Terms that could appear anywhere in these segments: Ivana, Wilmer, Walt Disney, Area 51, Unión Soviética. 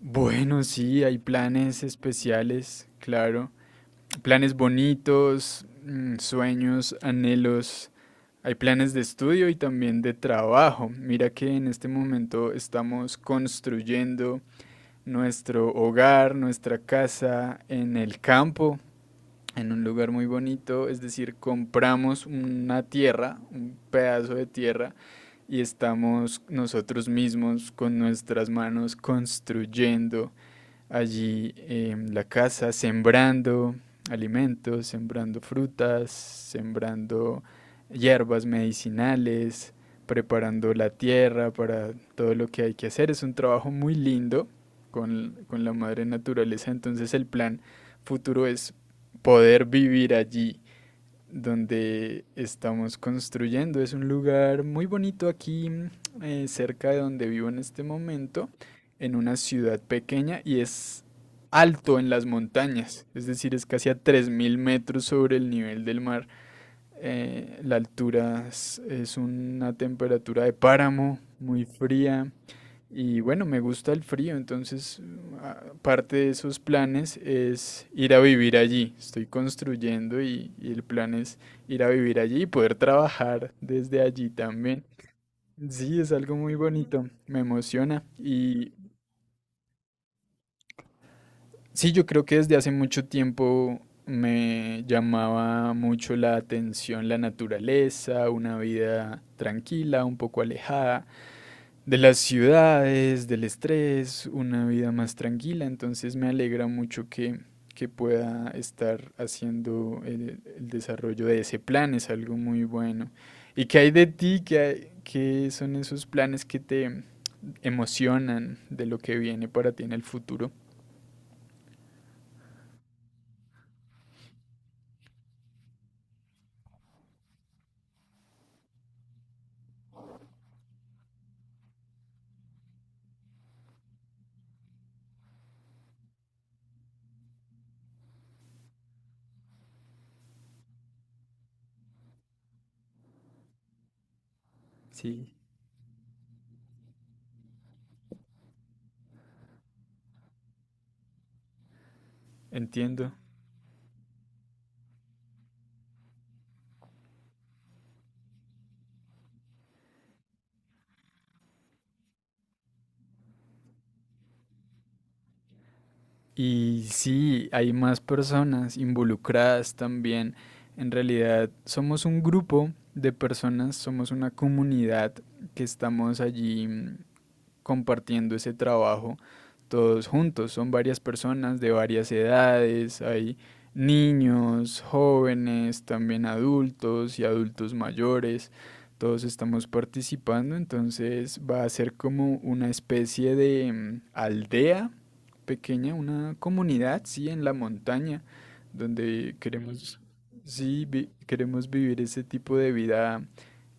Bueno, sí, hay planes especiales, claro. Planes bonitos, sueños, anhelos. Hay planes de estudio y también de trabajo. Mira que en este momento estamos construyendo nuestro hogar, nuestra casa en el campo, en un lugar muy bonito. Es decir, compramos una tierra, un pedazo de tierra, y estamos nosotros mismos con nuestras manos construyendo allí en la casa sembrando alimentos, sembrando frutas, sembrando hierbas medicinales, preparando la tierra para todo lo que hay que hacer. Es un trabajo muy lindo con la madre naturaleza, entonces el plan futuro es poder vivir allí donde estamos construyendo. Es un lugar muy bonito aquí, cerca de donde vivo en este momento, en una ciudad pequeña y es alto en las montañas, es decir, es casi a 3000 metros sobre el nivel del mar. La altura es una temperatura de páramo muy fría y bueno, me gusta el frío, entonces parte de esos planes es ir a vivir allí. Estoy construyendo y el plan es ir a vivir allí y poder trabajar desde allí también. Sí, es algo muy bonito, me emociona. Y sí, yo creo que desde hace mucho tiempo me llamaba mucho la atención la naturaleza, una vida tranquila, un poco alejada, de las ciudades, del estrés, una vida más tranquila. Entonces me alegra mucho que pueda estar haciendo el desarrollo de ese plan. Es algo muy bueno. ¿Y qué hay de ti? ¿Qué son esos planes que te emocionan de lo que viene para ti en el futuro? Sí, entiendo. Y sí, hay más personas involucradas también. En realidad somos un grupo de personas, somos una comunidad que estamos allí compartiendo ese trabajo todos juntos. Son varias personas de varias edades, hay niños, jóvenes, también adultos y adultos mayores. Todos estamos participando, entonces va a ser como una especie de aldea pequeña, una comunidad, sí, en la montaña, donde queremos, sí, queremos vivir ese tipo de vida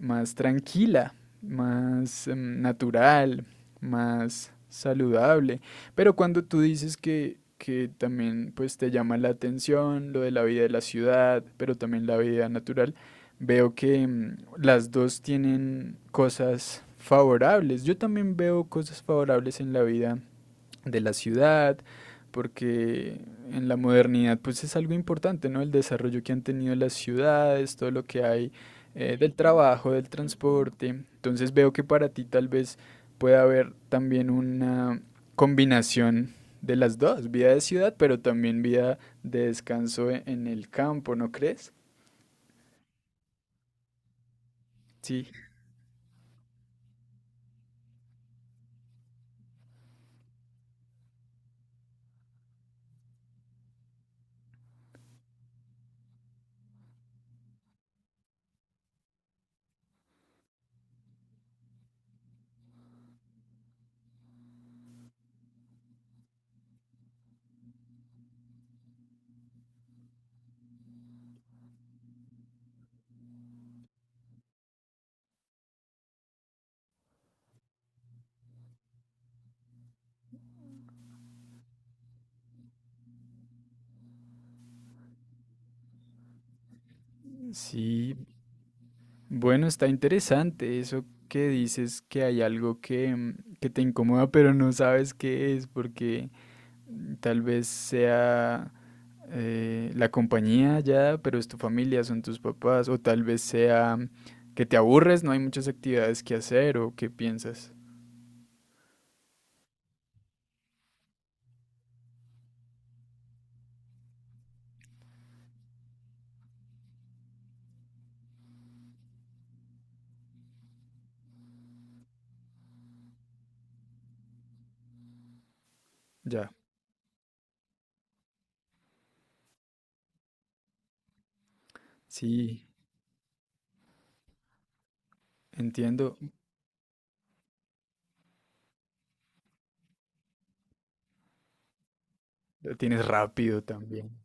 más tranquila, más natural, más saludable. Pero cuando tú dices que también pues te llama la atención lo de la vida de la ciudad, pero también la vida natural, veo que las dos tienen cosas favorables. Yo también veo cosas favorables en la vida de la ciudad, porque en la modernidad pues es algo importante, ¿no? El desarrollo que han tenido las ciudades, todo lo que hay del trabajo, del transporte. Entonces veo que para ti tal vez pueda haber también una combinación de las dos, vida de ciudad, pero también vida de descanso en el campo, ¿no crees? Sí, sí. Bueno, está interesante eso que dices que hay algo que te incomoda, pero no sabes qué es, porque tal vez sea la compañía ya, pero es tu familia, son tus papás, o tal vez sea que te aburres, no hay muchas actividades que hacer, o qué piensas. Ya, sí, entiendo. Lo tienes rápido también.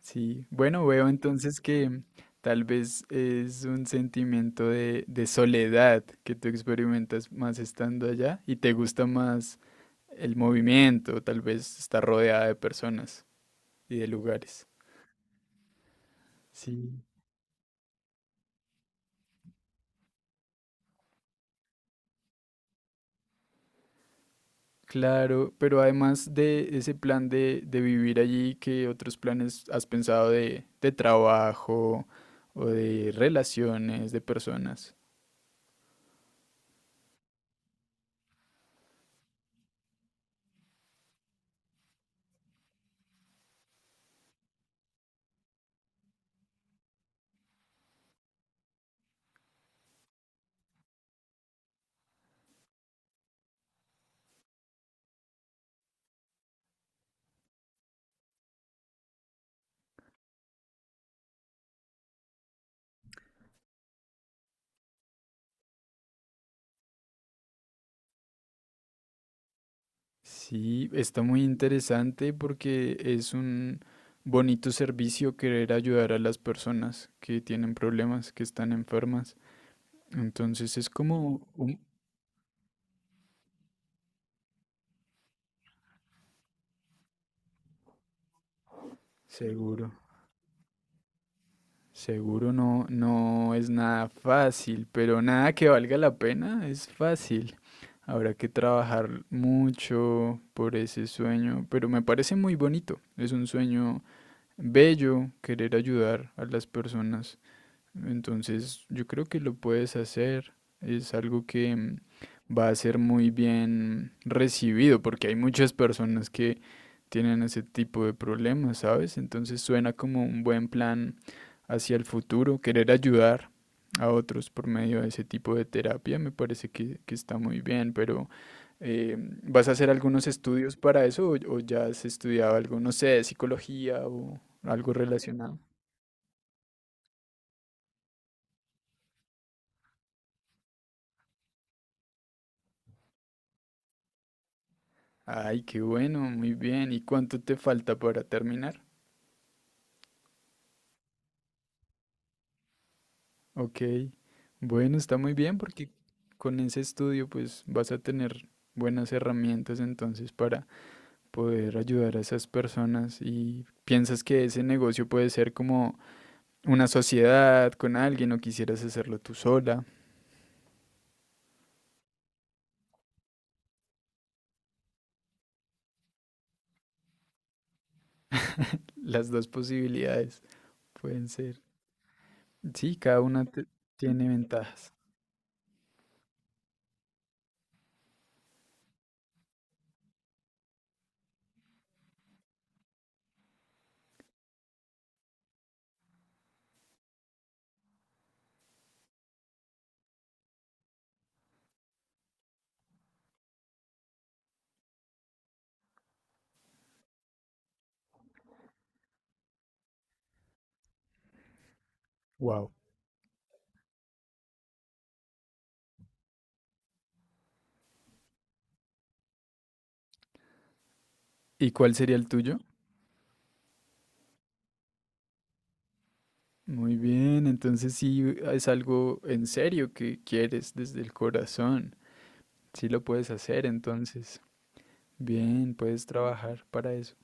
Sí, bueno, veo entonces que tal vez es un sentimiento de soledad que tú experimentas más estando allá y te gusta más el movimiento, tal vez estar rodeada de personas y de lugares. Sí. Claro, pero además de ese plan de vivir allí, ¿qué otros planes has pensado de trabajo o de relaciones de personas? Sí, está muy interesante porque es un bonito servicio querer ayudar a las personas que tienen problemas, que están enfermas. Entonces es como un. Seguro, seguro no es nada fácil, pero nada que valga la pena es fácil. Habrá que trabajar mucho por ese sueño, pero me parece muy bonito. Es un sueño bello querer ayudar a las personas. Entonces yo creo que lo puedes hacer. Es algo que va a ser muy bien recibido porque hay muchas personas que tienen ese tipo de problemas, ¿sabes? Entonces suena como un buen plan hacia el futuro, querer ayudar a otros por medio de ese tipo de terapia me parece que está muy bien, pero. Eh, ¿vas a hacer algunos estudios para eso o ya has estudiado algo, no sé, psicología o algo relacionado? Ay, qué bueno, muy bien. ¿Y cuánto te falta para terminar? Ok, bueno, está muy bien porque con ese estudio pues vas a tener buenas herramientas entonces para poder ayudar a esas personas y piensas que ese negocio puede ser como una sociedad con alguien o quisieras hacerlo tú sola. Las dos posibilidades pueden ser. Sí, cada una tiene ventajas. Wow. ¿Y cuál sería el tuyo? Muy bien, entonces sí es algo en serio que quieres desde el corazón. Sí lo puedes hacer, entonces. Bien, puedes trabajar para eso.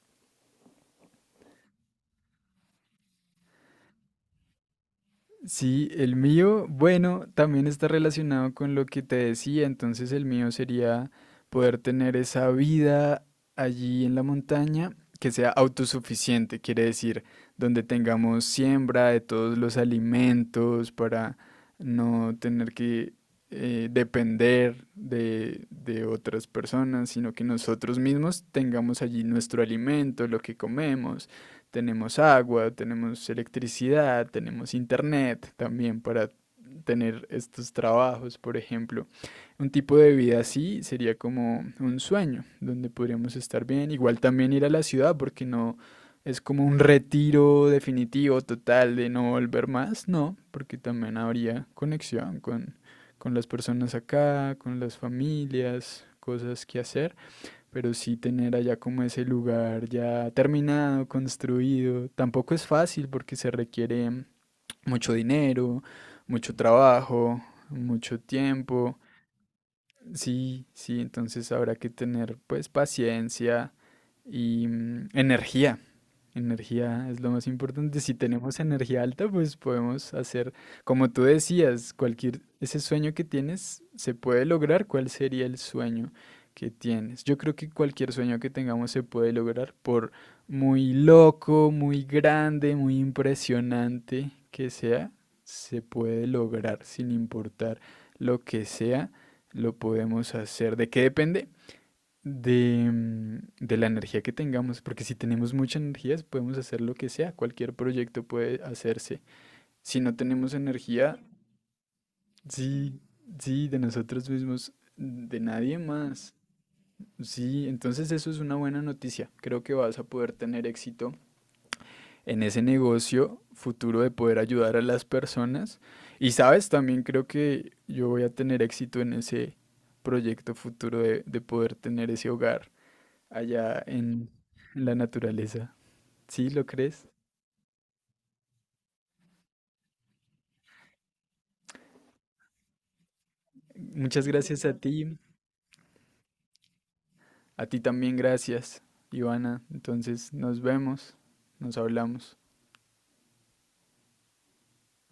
Sí, el mío, bueno, también está relacionado con lo que te decía, entonces el mío sería poder tener esa vida allí en la montaña que sea autosuficiente, quiere decir, donde tengamos siembra de todos los alimentos para no tener que depender de otras personas, sino que nosotros mismos tengamos allí nuestro alimento. Lo que Comemos, tenemos agua, tenemos electricidad, tenemos internet también para tener estos trabajos, por ejemplo. Un tipo de vida así sería como un sueño, donde podríamos estar bien. Igual también ir a la ciudad, porque no es como un retiro definitivo, total, de no volver más, no, porque también habría conexión con las personas acá, con las familias, cosas que hacer, pero sí tener allá como ese lugar ya terminado, construido. Tampoco es fácil porque se requiere mucho dinero, mucho trabajo, mucho tiempo. Sí, sí, entonces habrá que tener pues paciencia y energía. Energía es lo más importante. Si tenemos energía alta, pues podemos hacer, como tú decías, cualquier, ese sueño que tienes se puede lograr. ¿Cuál sería el sueño que tienes? Yo creo que cualquier sueño que tengamos se puede lograr, por muy loco, muy grande, muy impresionante que sea, se puede lograr sin importar lo que sea, lo podemos hacer. ¿De qué depende? De la energía que tengamos, porque si tenemos mucha energía podemos hacer lo que sea, cualquier proyecto puede hacerse. Si no tenemos energía, sí, sí, de nosotros mismos, de nadie más. Sí, entonces eso es una buena noticia. Creo que vas a poder tener éxito en ese negocio futuro de poder ayudar a las personas. Y sabes, también creo que yo voy a tener éxito en ese proyecto futuro de poder tener ese hogar allá en la naturaleza. ¿Sí lo crees? Muchas gracias a ti. A ti también gracias, Ivana. Entonces nos vemos, nos hablamos.